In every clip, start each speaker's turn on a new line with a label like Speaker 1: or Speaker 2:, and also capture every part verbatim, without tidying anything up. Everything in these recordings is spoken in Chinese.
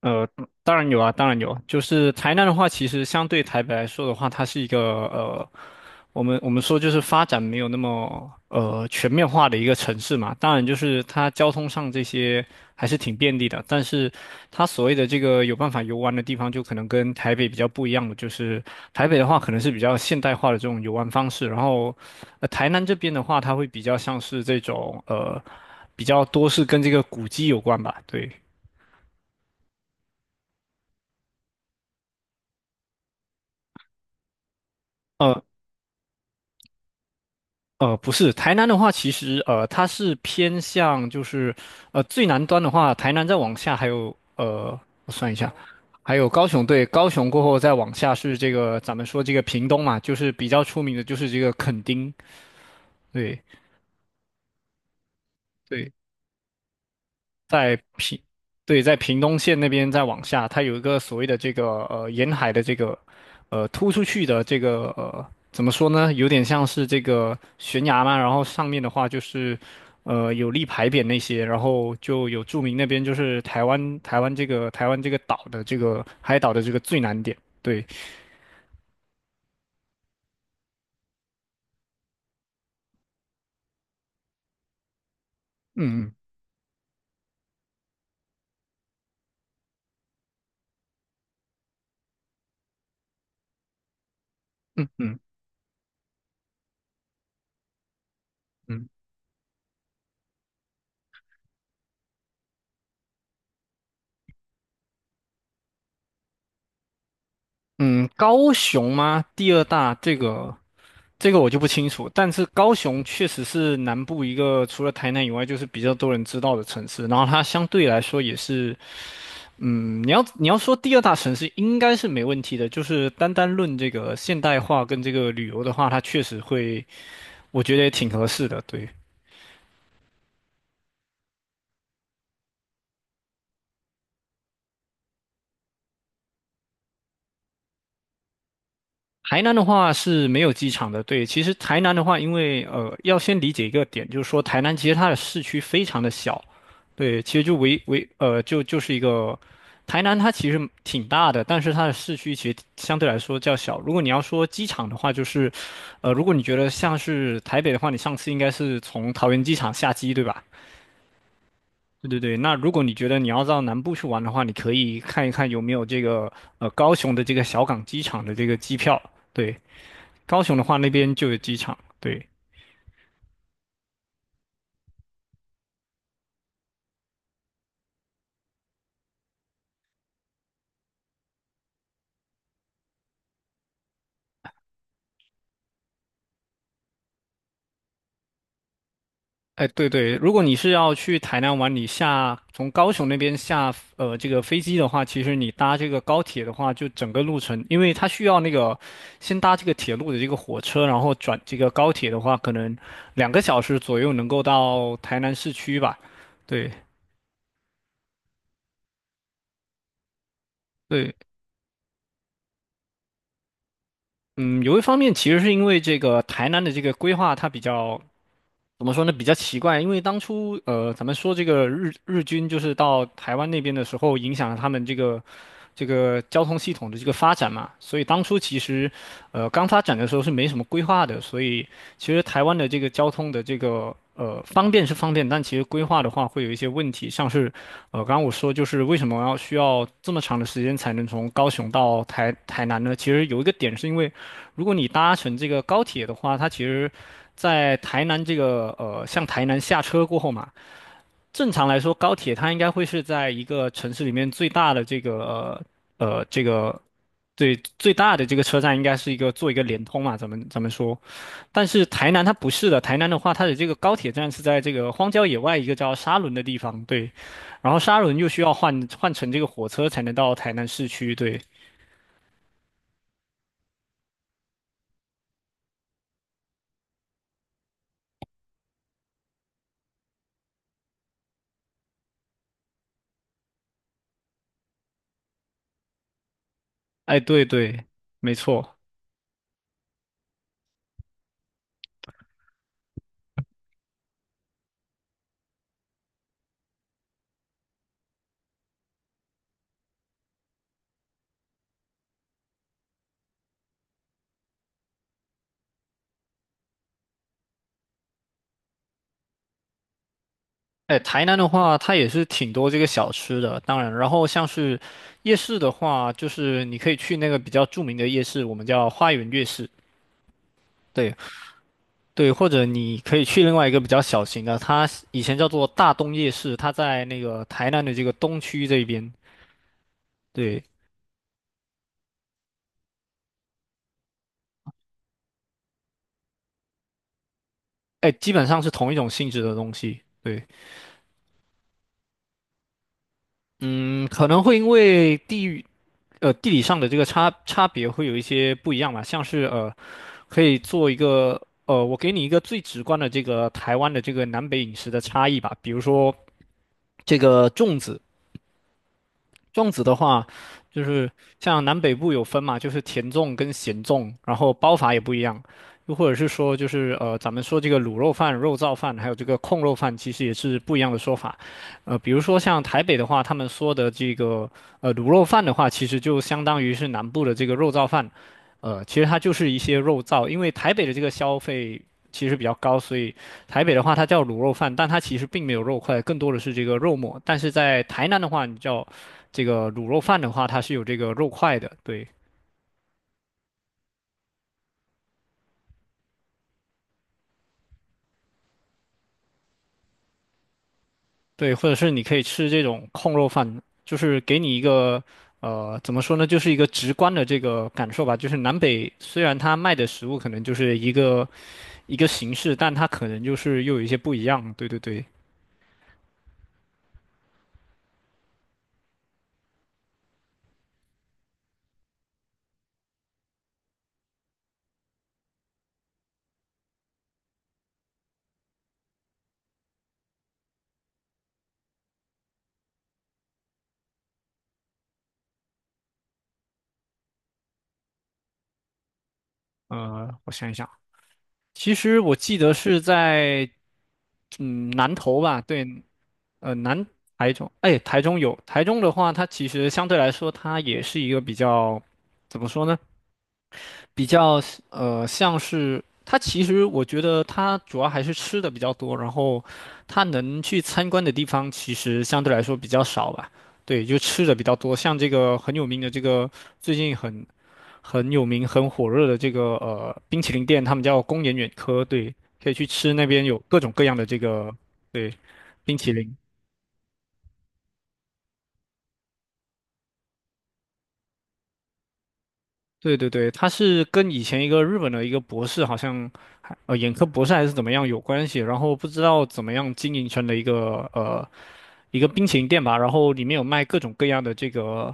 Speaker 1: 呃，当然有啊，当然有。就是台南的话，其实相对台北来说的话，它是一个呃，我们我们说就是发展没有那么呃全面化的一个城市嘛。当然，就是它交通上这些还是挺便利的，但是它所谓的这个有办法游玩的地方，就可能跟台北比较不一样的，就是台北的话可能是比较现代化的这种游玩方式，然后呃台南这边的话，它会比较像是这种呃比较多是跟这个古迹有关吧，对。呃。呃，不是，台南的话，其实呃，它是偏向就是呃最南端的话，台南再往下还有呃，我算一下，还有高雄，对，高雄过后再往下是这个咱们说这个屏东嘛，就是比较出名的就是这个垦丁，对对，在屏，对，在屏东县那边再往下，它有一个所谓的这个呃沿海的这个呃突出去的这个呃怎么说呢？有点像是这个悬崖嘛，然后上面的话就是呃有立牌匾那些，然后就有注明那边就是台湾台湾这个台湾这个岛的这个海岛的这个最南点。对，嗯嗯嗯嗯。嗯，高雄吗？第二大这个这个我就不清楚，但是高雄确实是南部一个除了台南以外，就是比较多人知道的城市。然后它相对来说也是，嗯，你要你要说第二大城市应该是没问题的，就是单单论这个现代化跟这个旅游的话，它确实会，我觉得也挺合适的。对，台南的话是没有机场的，对。其实台南的话，因为呃，要先理解一个点，就是说台南其实它的市区非常的小，对，其实就围围呃，就就是一个台南它其实挺大的，但是它的市区其实相对来说较小。如果你要说机场的话，就是呃，如果你觉得像是台北的话，你上次应该是从桃园机场下机，对吧？对对对，那如果你觉得你要到南部去玩的话，你可以看一看有没有这个呃高雄的这个小港机场的这个机票，对。高雄的话，那边就有机场。对，哎，对对，如果你是要去台南玩，你下从高雄那边下呃这个飞机的话，其实你搭这个高铁的话，就整个路程，因为它需要那个先搭这个铁路的这个火车，然后转这个高铁的话，可能两个小时左右能够到台南市区吧。对对，嗯，有一方面其实是因为这个台南的这个规划它比较怎么说呢？比较奇怪，因为当初呃，咱们说这个日日军就是到台湾那边的时候，影响了他们这个这个交通系统的这个发展嘛，所以当初其实呃刚发展的时候是没什么规划的，所以其实台湾的这个交通的这个呃方便是方便，但其实规划的话会有一些问题，像是呃刚刚我说就是为什么要需要这么长的时间才能从高雄到台台南呢？其实有一个点是因为如果你搭乘这个高铁的话，它其实在台南这个呃，向台南下车过后嘛，正常来说，高铁它应该会是在一个城市里面最大的这个呃呃这个对，最大的这个车站，应该是一个做一个联通嘛，咱们咱们说。但是台南它不是的，台南的话，它的这个高铁站是在这个荒郊野外一个叫沙仑的地方，对。然后沙仑又需要换换乘这个火车才能到台南市区，对。哎，对对，没错。哎，台南的话，它也是挺多这个小吃的。当然，然后像是夜市的话，就是你可以去那个比较著名的夜市，我们叫花园夜市。对对，或者你可以去另外一个比较小型的，它以前叫做大东夜市，它在那个台南的这个东区这边。对，哎，基本上是同一种性质的东西。对，嗯，可能会因为地域呃地理上的这个差差别会有一些不一样吧，像是呃。可以做一个，呃，我给你一个最直观的这个台湾的这个南北饮食的差异吧。比如说这个粽子，粽子的话，就是像南北部有分嘛，就是甜粽跟咸粽，然后包法也不一样。又或者是说，就是呃，咱们说这个卤肉饭、肉燥饭，还有这个控肉饭，其实也是不一样的说法。呃，比如说像台北的话，他们说的这个呃卤肉饭的话，其实就相当于是南部的这个肉燥饭。呃，其实它就是一些肉燥，因为台北的这个消费其实比较高，所以台北的话它叫卤肉饭，但它其实并没有肉块，更多的是这个肉末。但是在台南的话，你叫这个卤肉饭的话，它是有这个肉块的，对对，或者是你可以吃这种控肉饭，就是给你一个呃，怎么说呢，就是一个直观的这个感受吧。就是南北虽然它卖的食物可能就是一个一个形式，但它可能就是又有一些不一样。对对对，呃，我想一想，其实我记得是在嗯南投吧，对，呃南台中，哎，台中有台中的话，它其实相对来说它也是一个比较。怎么说呢？比较呃像是它其实我觉得它主要还是吃的比较多，然后它能去参观的地方其实相对来说比较少吧。对，就吃的比较多，像这个很有名的这个最近很很有名很火热的这个呃冰淇淋店，他们叫宫岩远科，对，可以去吃那边有各种各样的这个，对，冰淇淋。对对对，他是跟以前一个日本的一个博士，好像还呃眼科博士还是怎么样有关系，然后不知道怎么样经营成了一个呃一个冰淇淋店吧，然后里面有卖各种各样的这个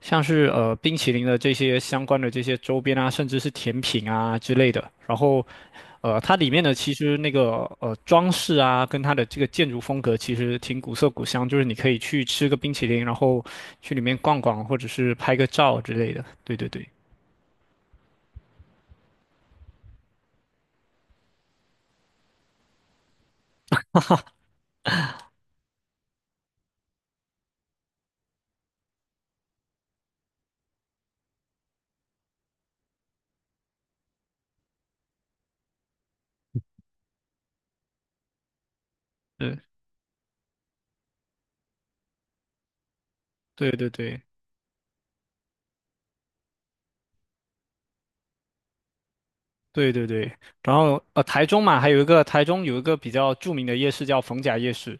Speaker 1: 像是呃冰淇淋的这些相关的这些周边啊，甚至是甜品啊之类的，然后呃它里面的其实那个呃装饰啊，跟它的这个建筑风格其实挺古色古香，就是你可以去吃个冰淇淋，然后去里面逛逛，或者是拍个照之类的。对对对。嗯。对对对对对对，然后呃，台中嘛，还有一个台中有一个比较著名的夜市叫逢甲夜市，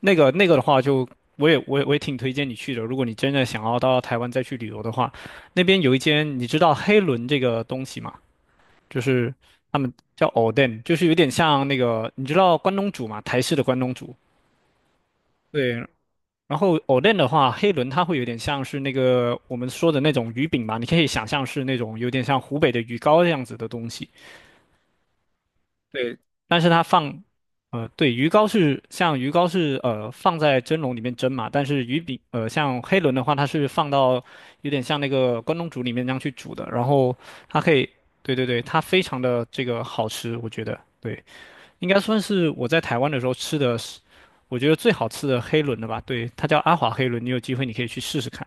Speaker 1: 那个那个的话就，我也我也我也挺推荐你去的。如果你真的想要到台湾再去旅游的话，那边有一间你知道黑轮这个东西吗？就是他们叫 Oden，l 就是有点像那个你知道关东煮嘛，台式的关东煮。对，然后 Oden l 的话，黑轮它会有点像是那个我们说的那种鱼饼嘛，你可以想象是那种有点像湖北的鱼糕这样子的东西。对，但是它放，呃，对，鱼糕是像鱼糕是呃放在蒸笼里面蒸嘛，但是鱼饼呃像黑轮的话，它是放到有点像那个关东煮里面那样去煮的，然后它可以，对对对，它非常的这个好吃，我觉得，对，应该算是我在台湾的时候吃的是，我觉得最好吃的黑轮了吧，对，它叫阿华黑轮，你有机会你可以去试试看。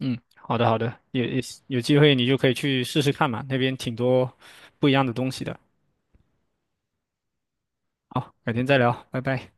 Speaker 1: 嗯，好的好的，也也有机会你就可以去试试看嘛，那边挺多不一样的东西的。好，改天再聊，拜拜。